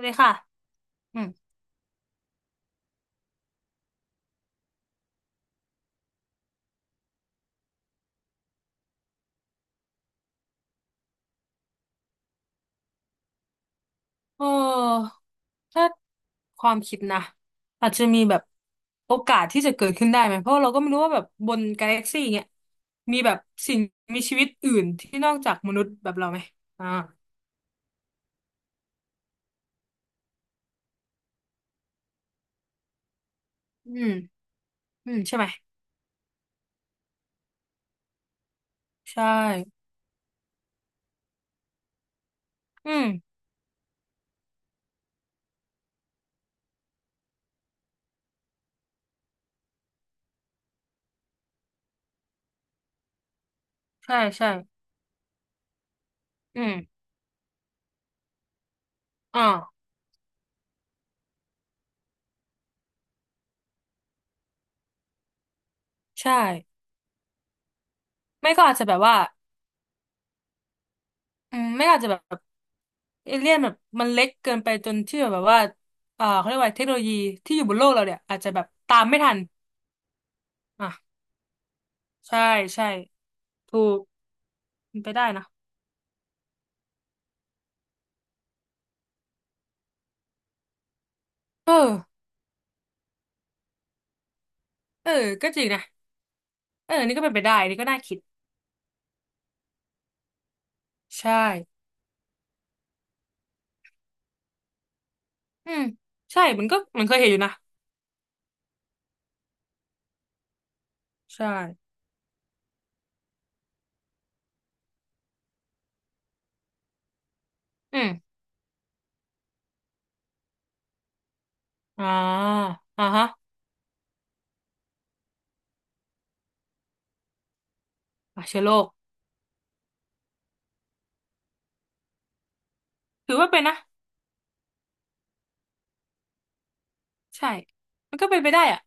เลยค่ะอืมเออถ้าความคิดนะอาจจะมีแบบโอกาสที่จะเกิดขึ้นได้ไหมเพราะเราก็ไม่รู้ว่าแบบบนกาแล็กซี่เงี้ยมีแบบสิ่งมีชีวิตอื่นที่นอกจากมนุษย์แบบเราไหมอ่าอืมอืมใช่ไหมใช่อืมใช่ใช่อืมอ่าใช่ไม่ก็อาจจะแบบว่าอืมไม่ก็อาจจะแบบเอเลี่ยนแบบมันเล็กเกินไปจนที่แบบว่าเขาเรียกว่าเทคโนโลยีที่อยู่บนโลกเราเนี่ยอาจจะแบบตามไม่ทันอ่ะ ใช่ใช่ถูกเป็นไปได้นะเออเออก็จริงนะเออนี่ก็เป็นไปได้นี่ก็น่าคิดใช่อืมใช่มันก็มันเคยเห็นอยู่นะใช่อืมอ่าอ่าฮะอ่าเชื้อโรคถือว่าเป็นนะใช่มันก็เป็นไปได้อะ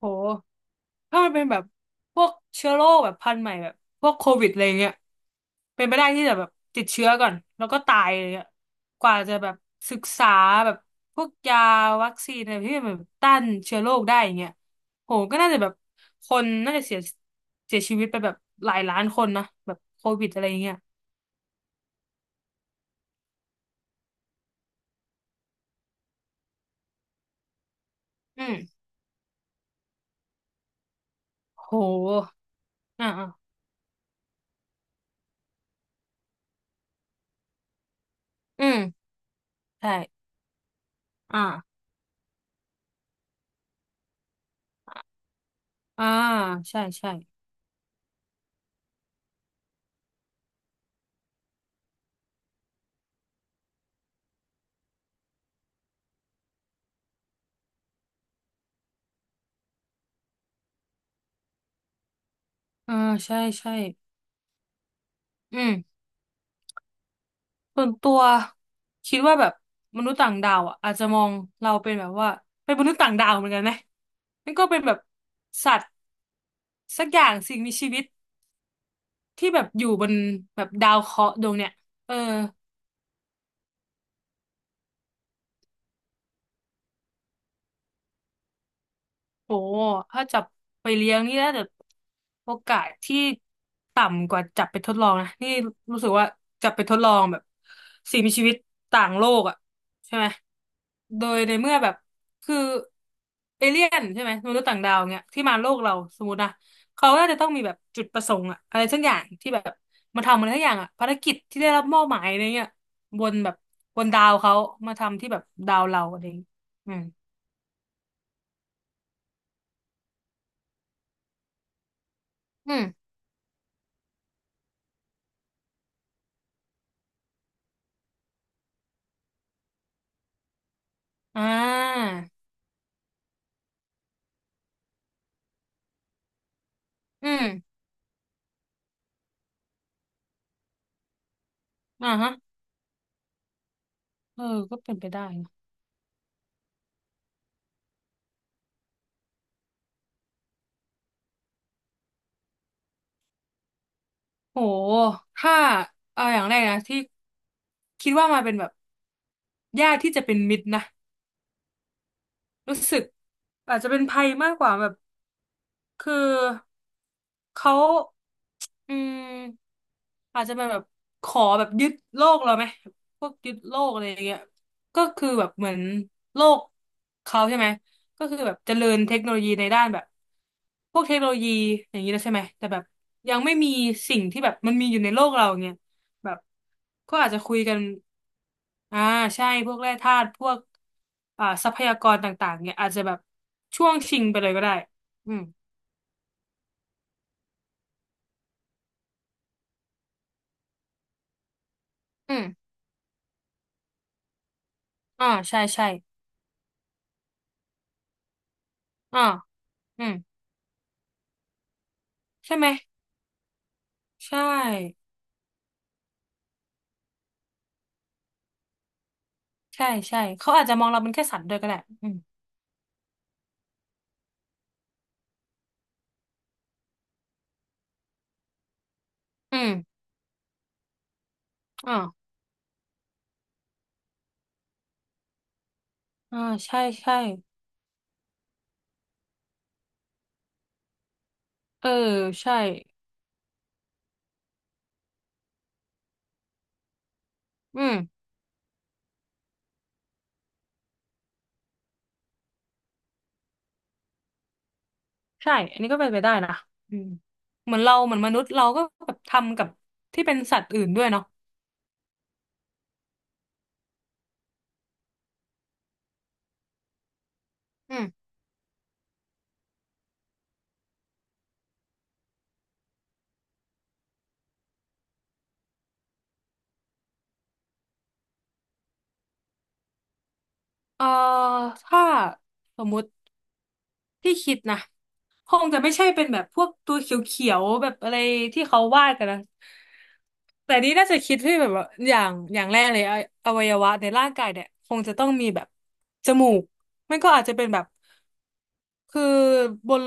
โหถ้ามันเป็นแบบพวกเชื้อโรคแบบพันธุ์ใหม่แบบพวกโควิดอะไรเงี้ยเป็นไปได้ที่จะแบบติดเชื้อก่อนแล้วก็ตายอะไรเงี้ยกว่าจะแบบศึกษาแบบพวกยาวัคซีนอะไรที่มันแบบต้านเชื้อโรคได้อย่างเงี้ยโหก็น่าจะแบบคนน่าจะเสียเสียชีวิตไปแบบหลายล้านคนนะแบบโควิดอะไรเงี้ยอืมโหอ่าอ่าอืมใช่อ่าอ่าใช่ใช่อ่าใช่ใช่อืม ส่วนตัวคิดว่าแบบมนุษย์ต่างดาวอ่ะอาจจะมองเราเป็นแบบว่าเป็นมนุษย์ต่างดาวเหมือนกันนะนี่ก็เป็นแบบสัตว์สักอย่างสิ่งมีชีวิตที่แบบอยู่บนแบบดาวเคราะห์ดวงเนี้ยเออ โอ้ถ้าจับไปเลี้ยงนี่น่าจะโอกาสที่ต่ำกว่าจับไปทดลองนะนี่รู้สึกว่าจับไปทดลองแบบสิ่งมีชีวิตต่างโลกอ่ะใช่ไหมโดยในเมื่อแบบคือเอเลี่ยนใช่ไหมมนุษย์ต่างดาวเงี้ยที่มาโลกเราสมมตินะเขาน่าจะต้องมีแบบจุดประสงค์อะอะไรสักอย่างที่แบบมาทำอะไรสักอย่างอะภารกิจที่ได้รับมอบหมายอะไรเงี้ยบนแบบบนดาวเขามาทำที่แบบดาวเราอะไรอย่างเงี้ยอืมอืมอ่า อืม อ่าฮะ เออ ก็เป็นไปได้นะโหถ้าเอาอย่างแรกนะที่คิดว่ามาเป็นแบบญาติที่จะเป็นมิตรนะรู้สึกอาจจะเป็นภัยมากกว่าแบบ คือเขาอืมอาจจะเป็นแบบขอแบบยึดโลกเราไหมพวกยึดโลกอะไรอย่างเงี้ยก็คือแบบเหมือนโลกเขาใช่ไหมก็คือแบบเจริญเทคโนโลยีในด้านแบบพวกเทคโนโลยีอย่างนี้แล้วใช่ไหมแต่แบบยังไม่มีสิ่งที่แบบมันมีอยู่ในโลกเราอย่างเงี้ยแบบก็อาจจะคุยกันอ่าใช่พวกแร่ธาตุพวกอ่าทรัพยากรต่างๆเนี่ยอาจจะแบบช่วงชิงไปเลยก็ได้อืม อืมอ่าใช่ใช่อ่าอืมใช่ไหมใช่ใช่ใช่ เขาอาจจะมองเราเป็นแค่สัตว์ด้วยก็ได้อืมอืมอ่าอ่าใช่ ใช่เออใช่อืมใช่ อันนี้ก็เป็นไปได้นะอืมเหมือนเราเหมือนมนุษย์เราก็แบบทำกับที่เป็นสัตว์อื่นด้วยเนาะอืมเอ่อถ้าสมมุติ ที่คิดนะคงจะไม่ใช่เป็นแบบพวกตัวเขียวๆแบบอะไรที่เขาวาดกันนะแต่นี่น่าจะคิดที่แบบว่าอย่างอย่างแรกเลยออวัยวะในร่างกายเนี่ยคงจะต้องมีแบบจมูกไม่ก็อาจจะเป็นแบบคือบน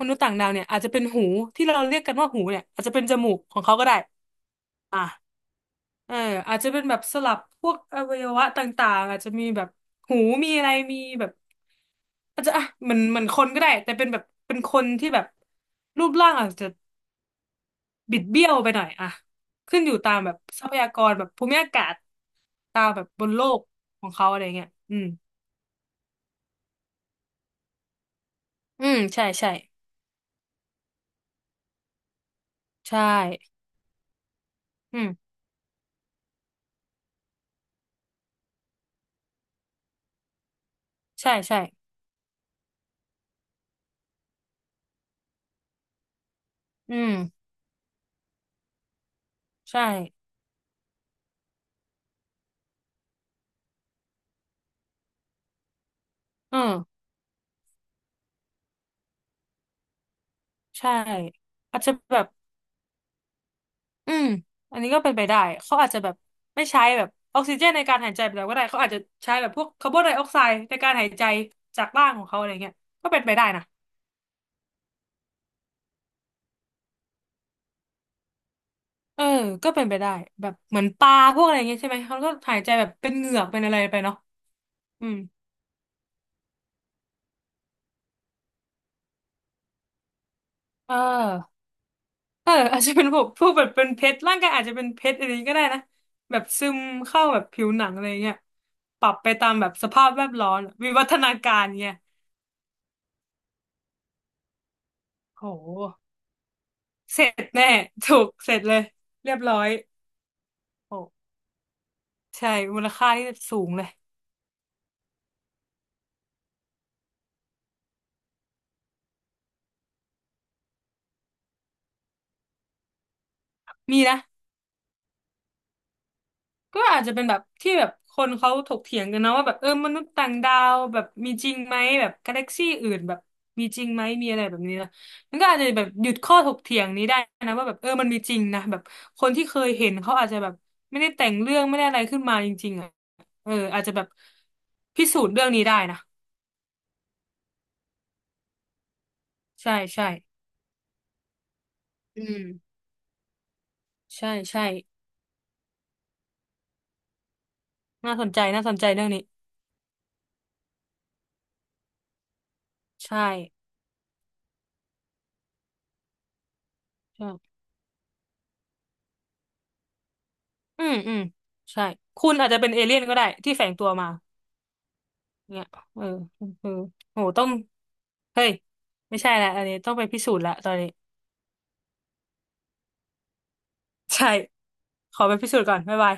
มนุษย์ต่างดาวเนี่ยอาจจะเป็นหูที่เราเรียกกันว่าหูเนี่ยอาจจะเป็นจมูกของเขาก็ได้อ่ะ เอออาจจะเป็นแบบสลับพวกอวัยวะต่างๆอาจจะมีแบบหูมีอะไรมีแบบอาจจะอ่ะเหมือนเหมือนคนก็ได้แต่เป็นแบบเป็นคนที่แบบรูปร่างอาจจะบิดเบี้ยวไปหน่อยอะขึ้นอยู่ตามแบบทรัพยากรแบบภูมิอากาศตามแบบบนโลกของเขาอะไรเงี้ยอืมอืมใช่ใช่ใช่อืมใช่ใช่อืมใช่เออใช่อาจจะแบบ อืมอันนี้ก็เป็นไปได้เขาอาจจะแบบไม่ใช้แบบออกซิเจนในการหายใจไปแล้วก็ได้เขาอาจจะใช้แบบพวกคาร์บอนไดออกไซด์ในการหายใจจากร่างของเขาอะไรเงี้ยก็เป็นไปได้นะเออก็เป็นไปได้แบบเหมือนปลาพวกอะไรเงี้ยใช่ไหมเขาก็หายใจแบบเป็นเหงือกเป็นอะไรไปเนาะอืมเออเอออาจจะเป็นพวกพวกแบบเป็นเพชรร่างกายอาจจะเป็นเพชรอะไรอย่างนี้ก็ได้นะแบบซึมเข้าแบบผิวหนังอะไรเงี้ยปรับไปตามแบบสภาพแวดล้อมวิวัฒนาการเงี้ยโห เสร็จแน่ถูกเสร็จเลยเรียบร้อยโอ้ใช่มูลค่าที่สูงเลยมีนะก็อาจจะเป็นแบบที่แบบคนเขาถกเถียงกันนะว่าแบบเออมนุษย์ต่างดาวแบบมีจริงไหมแบบกาแล็กซี่อื่นแบบมีจริงไหมมีอะไรแบบนี้นะมันก็อาจจะแบบหยุดข้อถกเถียงนี้ได้นะว่าแบบเออมันมีจริงนะแบบคนที่เคยเห็นเขาอาจจะแบบไม่ได้แต่งเรื่องไม่ได้อะไรขึ้นมาจริงๆอ่ะอาจจะแบบพิสูจน์เรื่องนี้ได้นะใช่ใช่อืมใช่ใช่น่าสนใจน่าสนใจเรื่องนี้ ใช่ใช่ อืมอืมใช่คุณอาจจะเป็นเอเลี่ยนก็ได้ที่แฝงตัวมาเนี่ยเออเออโหต้องเฮ้ยไม่ใช่ละอันนี้ต้องไปพิสูจน์ละตอนนี้ ใช่ขอไปพิสูจน์ก่อนบ๊ายบาย